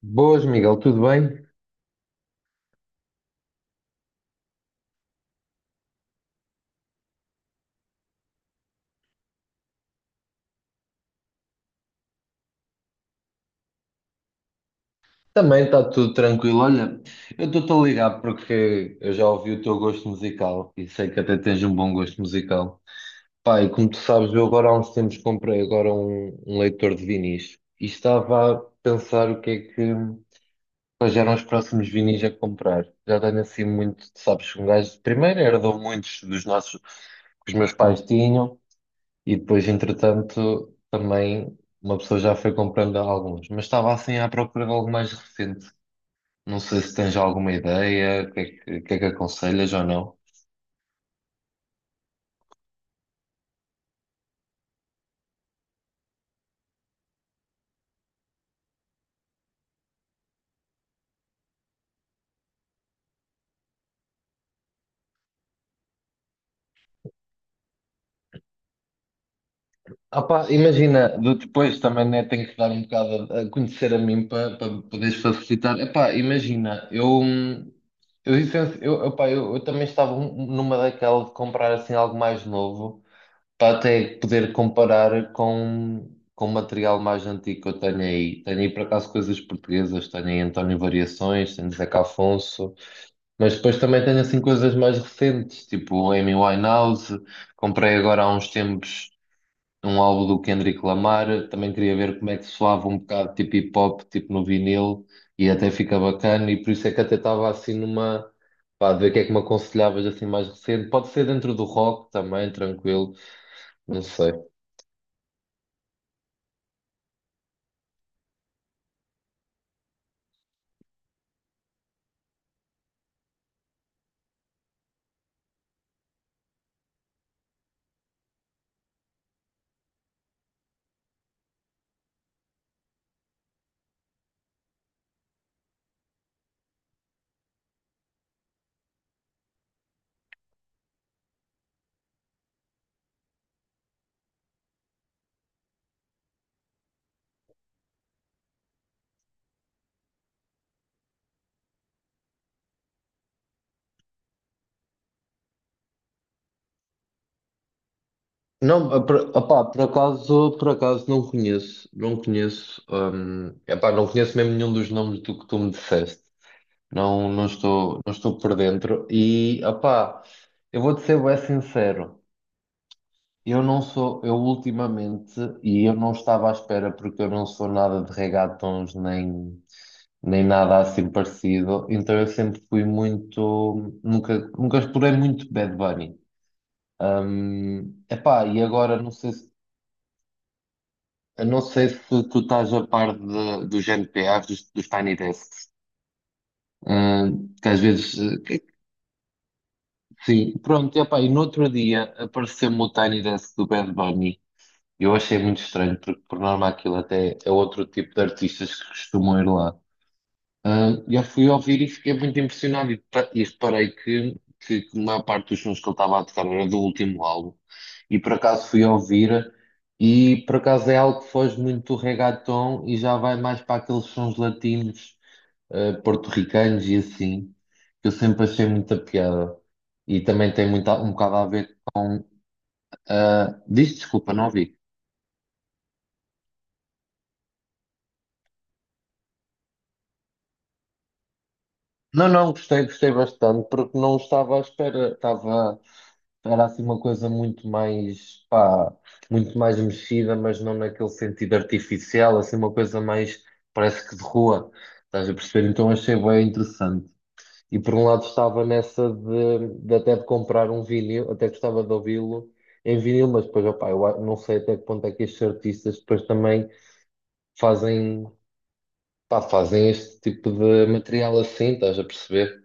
Boas, Miguel, tudo bem? Também está tudo tranquilo. Olha, eu estou-te a ligar porque eu já ouvi o teu gosto musical e sei que até tens um bom gosto musical. Pai, como tu sabes, eu agora há uns tempos comprei agora um leitor de vinis e estava a pensar o que é que quais eram os próximos vinis a comprar. Já tenho assim muito, sabes, um gajo primeiro herdou muitos dos nossos que os meus pais tinham. E depois, entretanto, também uma pessoa já foi comprando alguns, mas estava assim à procura de algo mais recente. Não sei se tens alguma ideia, o que é que aconselhas ou não. Ah pá, imagina, depois também né, tenho que dar um bocado a conhecer a mim para poderes facilitar. Epá, imagina, eu, licencio- eu, epá, eu também estava numa daquela de comprar assim algo mais novo, para até poder comparar com material mais antigo que eu tenho aí. Tenho aí, por acaso, coisas portuguesas, tenho aí António Variações, tenho Zeca Afonso, mas depois também tenho, assim, coisas mais recentes, tipo Amy Winehouse. Comprei agora há uns tempos um álbum do Kendrick Lamar, também queria ver como é que soava um bocado, tipo hip-hop, tipo no vinil, e até fica bacana, e por isso é que até estava, assim, numa. Pá, de ver o que é que me aconselhavas assim mais recente. Pode ser dentro do rock também, tranquilo, não sei. Não, opá, por acaso não conheço, não conheço, epá, não conheço mesmo nenhum dos nomes do que tu me disseste. Não, não estou por dentro. E, opá, eu vou-te ser bem sincero, eu não sou, eu ultimamente, e eu não estava à espera porque eu não sou nada de regatons nem nada assim parecido, então eu sempre fui muito, nunca, nunca explorei muito Bad Bunny. Epá, e agora não sei se tu estás a par dos NPAs, dos Tiny Desks. Ah, que às vezes. Sim, pronto, epá, e no outro dia apareceu-me o Tiny Desk do Bad Bunny. Eu achei muito estranho, porque por norma aquilo até é outro tipo de artistas que costumam ir lá. Ah, eu fui ouvir e fiquei muito impressionado e, e reparei que a maior parte dos sons que ele estava a tocar era do último álbum, e por acaso fui ouvir, e por acaso é algo que foge muito do reggaeton e já vai mais para aqueles sons latinos, ah, porto-ricanos e assim, que eu sempre achei muita piada, e também tem muito, um bocado a ver com. Ah, diz desculpa, não ouvi. Não, não, gostei, gostei bastante porque não estava à espera, estava. Era assim uma coisa muito mais, pá, muito mais mexida, mas não naquele sentido artificial, assim uma coisa mais, parece que de rua, estás a perceber? Então achei bem interessante. E por um lado estava nessa de até de comprar um vinil, até gostava de ouvi-lo em vinil, mas depois, opá, eu não sei até que ponto é que estes artistas depois também fazem, pá, fazem este tipo de material assim, estás a perceber?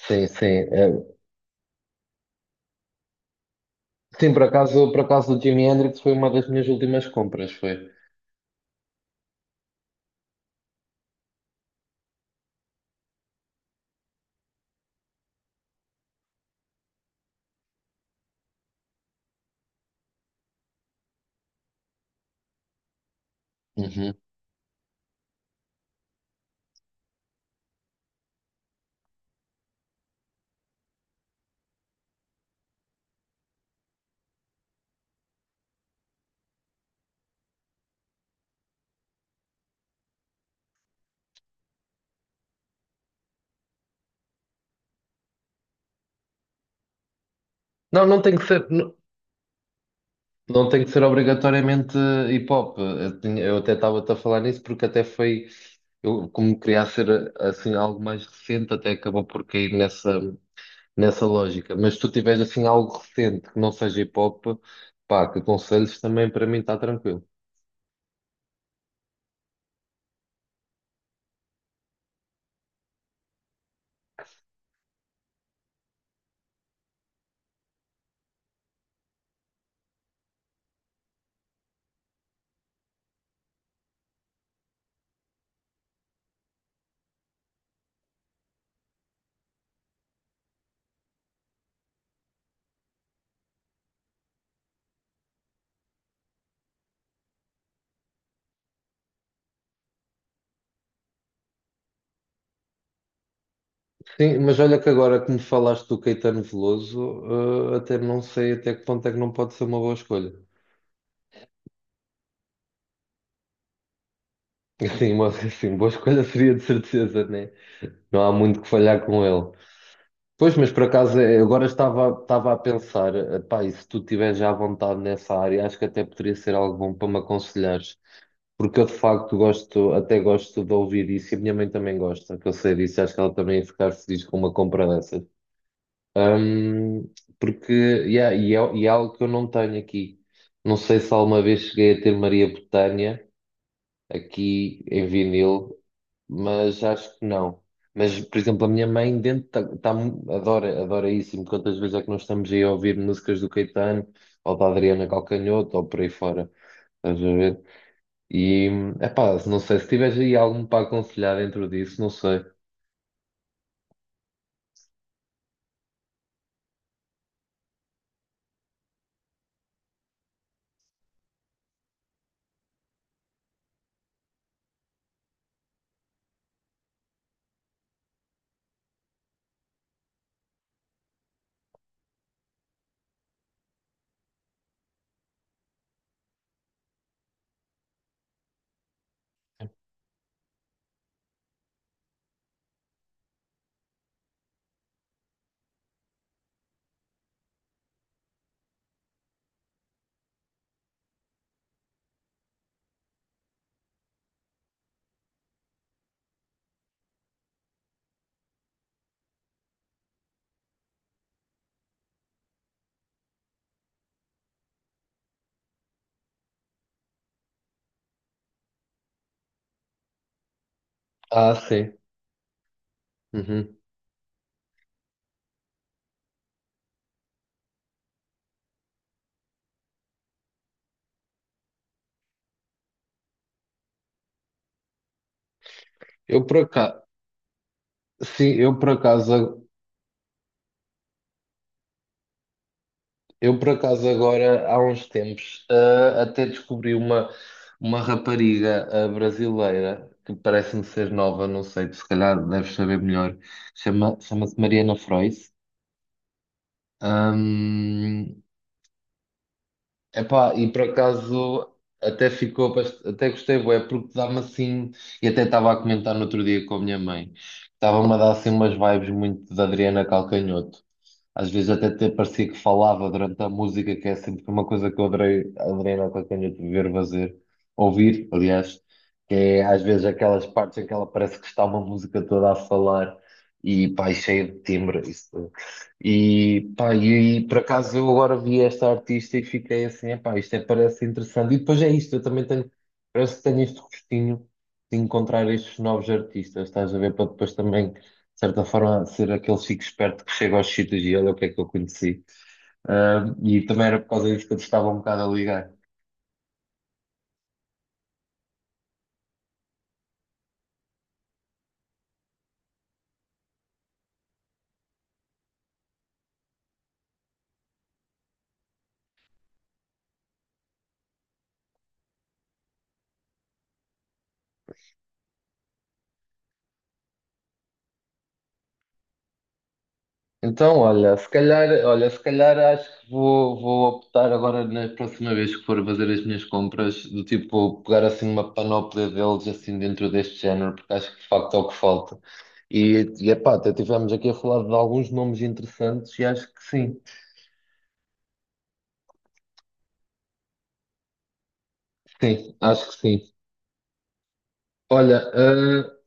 Sim, sim. É. Sim, por acaso o Jimi Hendrix foi uma das minhas últimas compras, foi. Uhum. Não, não tem que ser obrigatoriamente hip hop. Eu até estava-te a falar nisso porque até foi, eu, como queria ser assim algo mais recente, até acabou por cair nessa lógica. Mas se tu tiveres assim algo recente que não seja hip hop, pá, que aconselhos também para mim está tranquilo. Sim, mas olha que agora que me falaste do Caetano Veloso, até não sei até que ponto é que não pode ser uma boa escolha. Assim, boa escolha seria de certeza, né? Não há muito que falhar com ele. Pois, mas por acaso agora estava a pensar, pá, e se tu estiveres já à vontade nessa área, acho que até poderia ser algo bom para me aconselhares, porque eu de facto gosto, até gosto de ouvir isso e a minha mãe também gosta, que eu sei disso, acho que ela também ia ficar feliz com uma compra dessas. Hum, Porque, yeah, e é algo que eu não tenho aqui. Não sei se alguma vez cheguei a ter Maria Botânia aqui em vinil, mas acho que não. Mas, por exemplo, a minha mãe dentro adora, adora isso, e me conta às vezes é que nós estamos aí a ouvir músicas do Caetano ou da Adriana Calcanhoto ou por aí fora, estás a ver? E, epá, não sei, se tiveres aí algum para aconselhar dentro disso, não sei. Ah, sim. Uhum. Eu por acaso, sim, por acaso, agora, há uns tempos, ah, até descobri uma rapariga brasileira que parece-me ser nova, não sei, tu se calhar deves saber melhor. Chama-se Mariana Frois. Ahm, Epá, e por acaso até até gostei, bué, porque dá-me assim, e até estava a comentar no outro dia com a minha mãe, estava-me a dar assim umas vibes muito da Adriana Calcanhoto. Às vezes até parecia que falava durante a música, que é sempre uma coisa que eu adorei, adorei na Cocanha de ver fazer, ouvir, aliás, que é às vezes aquelas partes em que ela parece que está uma música toda a falar, e pá, e cheia de timbre. Isso. E pá, por acaso eu agora vi esta artista e fiquei assim, epá, isto é, parece interessante. E depois é isto, eu também tenho, parece que tenho este gostinho de encontrar estes novos artistas, estás a ver, para depois também certa forma, ser aquele chico esperto que chega aos sítios e olha o que é que eu conheci. Ah, e também era por causa disso que eu te estava um bocado a ligar. Então, olha, se calhar acho que vou optar agora na próxima vez que for fazer as minhas compras, do tipo pegar assim uma panóplia deles assim dentro deste género, porque acho que de facto é o que falta. E epá, até estivemos aqui a falar de alguns nomes interessantes e acho que sim, sim, acho que sim. Olha,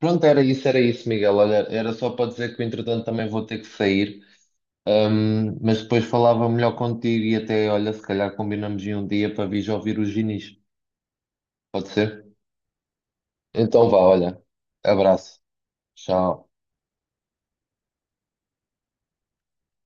pronto, era isso, Miguel. Olha, era só para dizer que entretanto também vou ter que sair. Mas depois falava melhor contigo e até, olha, se calhar combinamos em um dia para vir ouvir os Ginis. Pode ser? Então vá, olha. Abraço. Tchau.